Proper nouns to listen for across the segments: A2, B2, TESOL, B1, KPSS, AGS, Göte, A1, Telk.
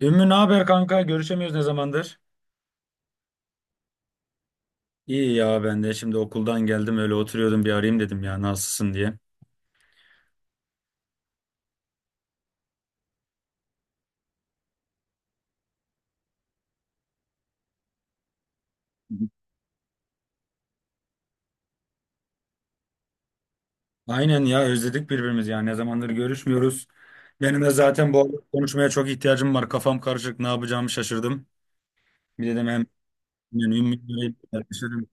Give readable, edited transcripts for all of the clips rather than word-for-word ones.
Ümmü ne haber kanka? Görüşemiyoruz ne zamandır? İyi ya ben de şimdi okuldan geldim öyle oturuyordum bir arayayım dedim ya nasılsın diye. Aynen ya özledik birbirimizi ya ne zamandır görüşmüyoruz. Benim de zaten bu arada konuşmaya çok ihtiyacım var. Kafam karışık ne yapacağımı şaşırdım. Bir dedim hem yani Ümmü'yle arayıp dertleşelim.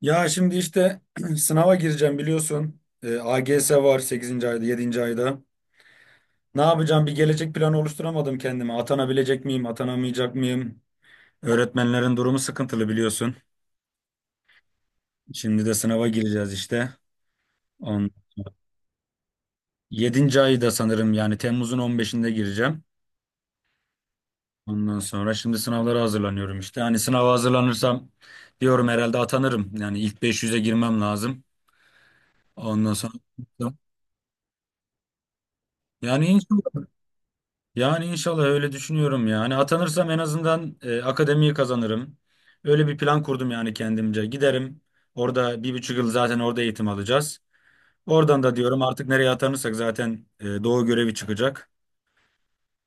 Ya şimdi işte sınava gireceğim biliyorsun. AGS var sekizinci ayda 7. ayda. Ne yapacağım bir gelecek planı oluşturamadım kendime. Atanabilecek miyim atanamayacak mıyım? Öğretmenlerin durumu sıkıntılı biliyorsun. Şimdi de sınava gireceğiz işte. On, yedinci ayı da sanırım yani Temmuz'un on beşinde gireceğim. Ondan sonra şimdi sınavlara hazırlanıyorum işte. Hani sınava hazırlanırsam diyorum herhalde atanırım. Yani ilk beş yüze girmem lazım. Ondan sonra yani inşallah, yani inşallah öyle düşünüyorum ya. Hani atanırsam en azından akademiyi kazanırım. Öyle bir plan kurdum yani kendimce. Giderim. Orada bir buçuk yıl zaten orada eğitim alacağız. Oradan da diyorum artık nereye atanırsak zaten Doğu görevi çıkacak.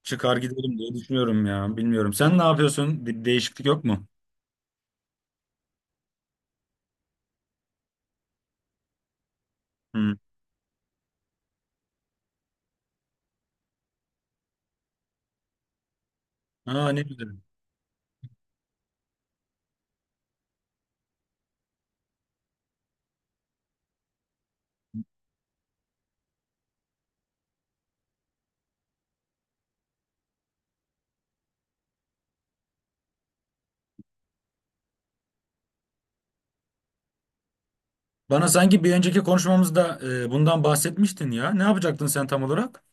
Çıkar gidelim diye düşünüyorum ya. Bilmiyorum. Sen ne yapıyorsun? Bir değişiklik yok mu? Hı. Aa ne güzel. Bana sanki bir önceki konuşmamızda bundan bahsetmiştin ya. Ne yapacaktın sen tam olarak?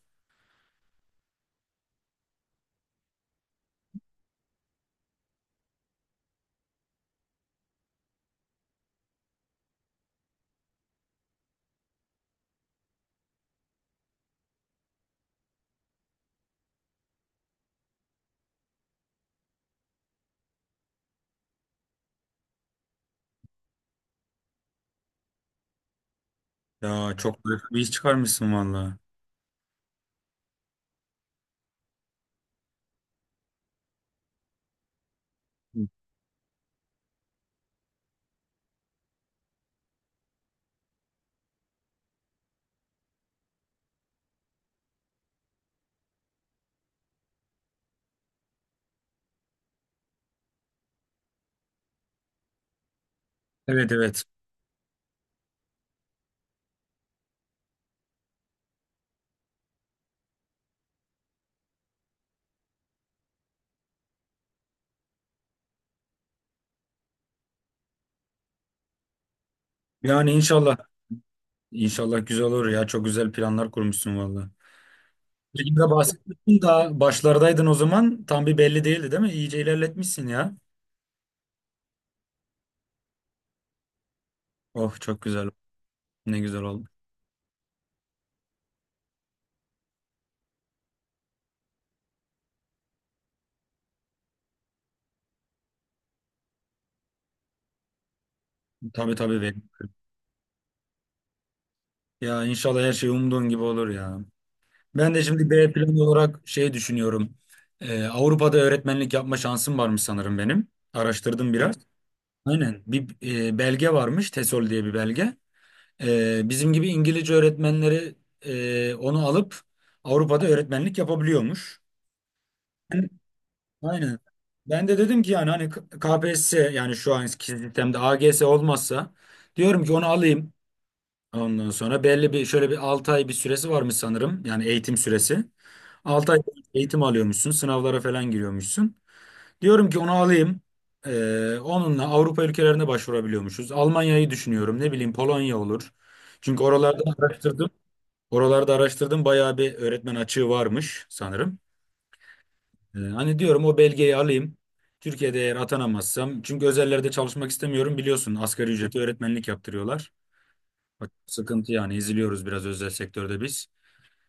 Ya çok büyük bir iş çıkarmışsın valla. Hı. Evet, evet. Yani inşallah. İnşallah güzel olur ya. Çok güzel planlar kurmuşsun valla. Şimdi de bahsetmiştin da başlardaydın o zaman. Tam bir belli değildi değil mi? İyice ilerletmişsin ya. Oh çok güzel. Ne güzel oldu. Tabii, tabii. be. Ya inşallah her şey umduğun gibi olur ya. Ben de şimdi B planı olarak şey düşünüyorum. Avrupa'da öğretmenlik yapma şansım varmış sanırım benim. Araştırdım biraz. Aynen. Bir belge varmış. TESOL diye bir belge. Bizim gibi İngilizce öğretmenleri onu alıp Avrupa'da öğretmenlik yapabiliyormuş. Ben- Aynen. Ben de dedim ki yani hani KPSS yani şu anki sistemde AGS olmazsa diyorum ki onu alayım. Ondan sonra belli bir şöyle bir 6 ay bir süresi varmış sanırım. Yani eğitim süresi. 6 ay eğitim alıyormuşsun. Sınavlara falan giriyormuşsun. Diyorum ki onu alayım. Onunla Avrupa ülkelerine başvurabiliyormuşuz. Almanya'yı düşünüyorum. Ne bileyim Polonya olur. Çünkü oralarda araştırdım. Oralarda araştırdım. Bayağı bir öğretmen açığı varmış sanırım. Hani diyorum o belgeyi alayım. Türkiye'de eğer atanamazsam. Çünkü özellerde çalışmak istemiyorum. Biliyorsun asgari ücreti öğretmenlik yaptırıyorlar. Bak, sıkıntı yani eziliyoruz biraz özel sektörde biz.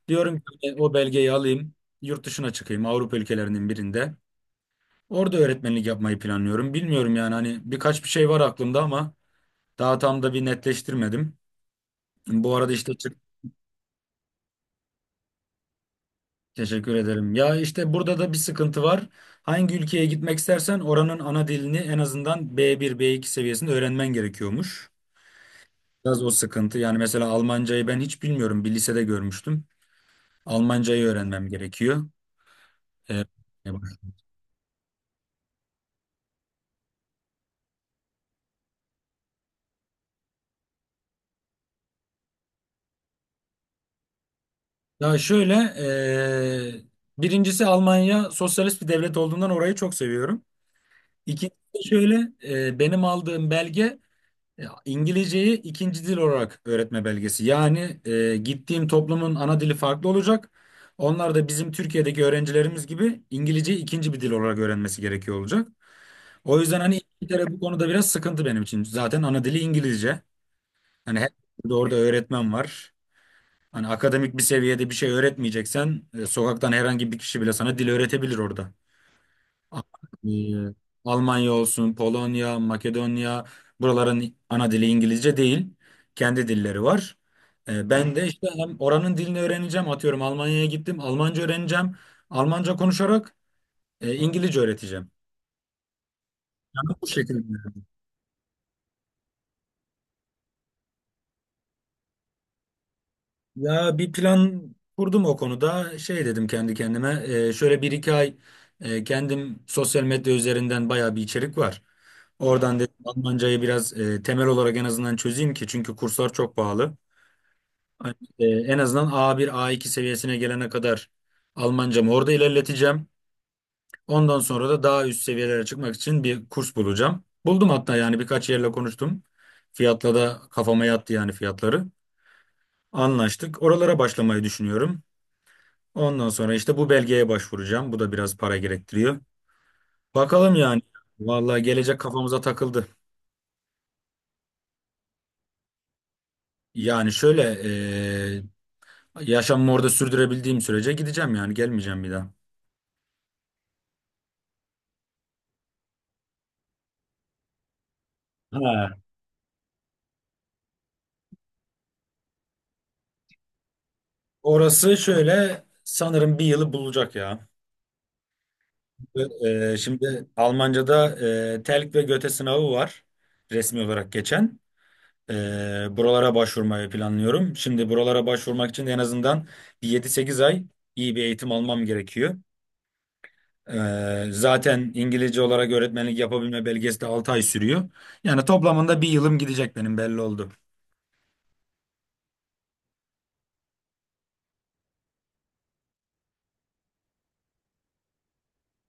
Diyorum ki o belgeyi alayım, yurt dışına çıkayım Avrupa ülkelerinin birinde. Orada öğretmenlik yapmayı planlıyorum. Bilmiyorum yani hani birkaç bir şey var aklımda ama daha tam da bir netleştirmedim. Bu arada işte çık. Teşekkür ederim. Ya işte burada da bir sıkıntı var. Hangi ülkeye gitmek istersen oranın ana dilini en azından B1, B2 seviyesinde öğrenmen gerekiyormuş. Biraz o sıkıntı. Yani mesela Almancayı ben hiç bilmiyorum. Bir lisede görmüştüm. Almancayı öğrenmem gerekiyor. Ee, Ya şöyle, birincisi Almanya sosyalist bir devlet olduğundan orayı çok seviyorum. İkincisi şöyle, benim aldığım belge İngilizceyi ikinci dil olarak öğretme belgesi. Yani gittiğim toplumun ana dili farklı olacak. Onlar da bizim Türkiye'deki öğrencilerimiz gibi İngilizceyi ikinci bir dil olarak öğrenmesi gerekiyor olacak. O yüzden hani İngiltere bu konuda biraz sıkıntı benim için. Zaten ana dili İngilizce. Hani her yerde orada öğretmen var. Hani akademik bir seviyede bir şey öğretmeyeceksen sokaktan herhangi bir kişi bile sana dil öğretebilir orada. Ama, e, Almanya olsun, Polonya, Makedonya buraların ana dili İngilizce değil. Kendi dilleri var. Ben de işte hem oranın dilini öğreneceğim. Atıyorum Almanya'ya gittim. Almanca öğreneceğim. Almanca konuşarak İngilizce öğreteceğim. Yani bu şekilde. Ya bir plan kurdum o konuda. Şey dedim kendi kendime. Şöyle bir iki ay kendim sosyal medya üzerinden bayağı bir içerik var. Oradan dedim Almancayı biraz temel olarak en azından çözeyim ki çünkü kurslar çok pahalı. Hani, en azından A1, A2 seviyesine gelene kadar Almancamı orada ilerleteceğim. Ondan sonra da daha üst seviyelere çıkmak için bir kurs bulacağım. Buldum hatta yani birkaç yerle konuştum. Fiyatla da kafama yattı yani fiyatları. Anlaştık. Oralara başlamayı düşünüyorum. Ondan sonra işte bu belgeye başvuracağım. Bu da biraz para gerektiriyor. Bakalım yani. Vallahi gelecek kafamıza takıldı. Yani şöyle yaşamımı orada sürdürebildiğim sürece gideceğim yani gelmeyeceğim bir daha. Ha. Orası şöyle sanırım bir yılı bulacak ya. Ve, şimdi Almanca'da Telk ve Göte sınavı var resmi olarak geçen. E, buralara başvurmayı planlıyorum. Şimdi buralara başvurmak için en azından bir 7-8 ay iyi bir eğitim almam gerekiyor. Zaten İngilizce olarak öğretmenlik yapabilme belgesi de 6 ay sürüyor. Yani toplamında bir yılım gidecek benim belli oldu.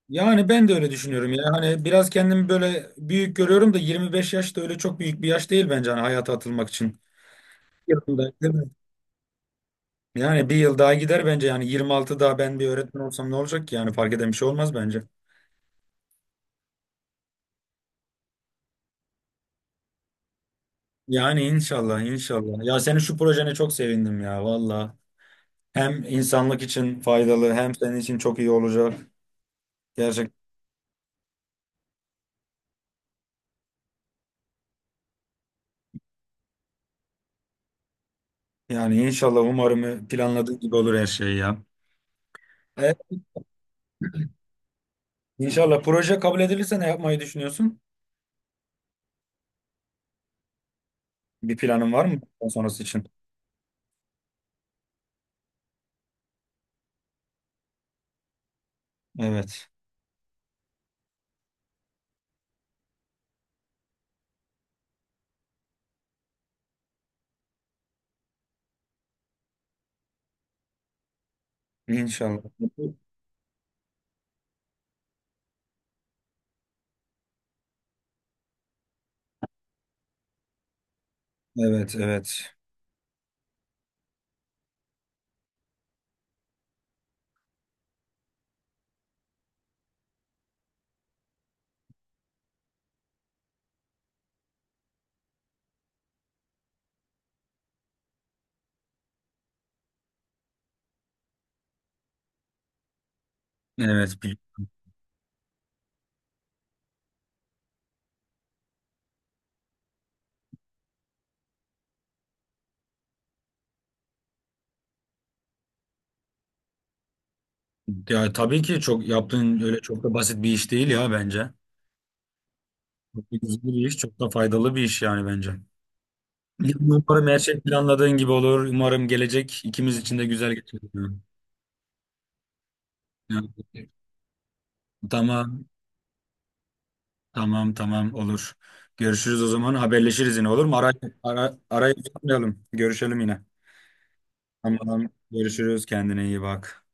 Yani ben de öyle düşünüyorum ya. Hani biraz kendimi böyle büyük görüyorum da 25 yaş da öyle çok büyük bir yaş değil bence hani hayata atılmak için. Yılında, değil mi? Yani bir yıl daha gider bence yani 26 daha ben bir öğretmen olsam ne olacak ki yani fark eden bir şey olmaz bence. Yani inşallah, inşallah. Ya senin şu projene çok sevindim ya valla. Hem insanlık için faydalı hem senin için çok iyi olacak. Gerçekten. Yani inşallah umarım planladığın gibi olur her şey ya. Evet, inşallah proje kabul edilirse ne yapmayı düşünüyorsun? Bir planın var mı bundan sonrası için? Evet. İnşallah. Evet, evet. Evet. Ya tabii ki çok yaptığın öyle çok da basit bir iş değil ya bence. Çok da güzel bir iş, çok da faydalı bir iş yani bence. Umarım her şey planladığın gibi olur. Umarım gelecek ikimiz için de güzel geçer. Yani, tamam. Tamam, tamam olur. Görüşürüz o zaman haberleşiriz yine olur mu? Arayı tutmayalım. Görüşelim yine. Tamam görüşürüz kendine iyi bak.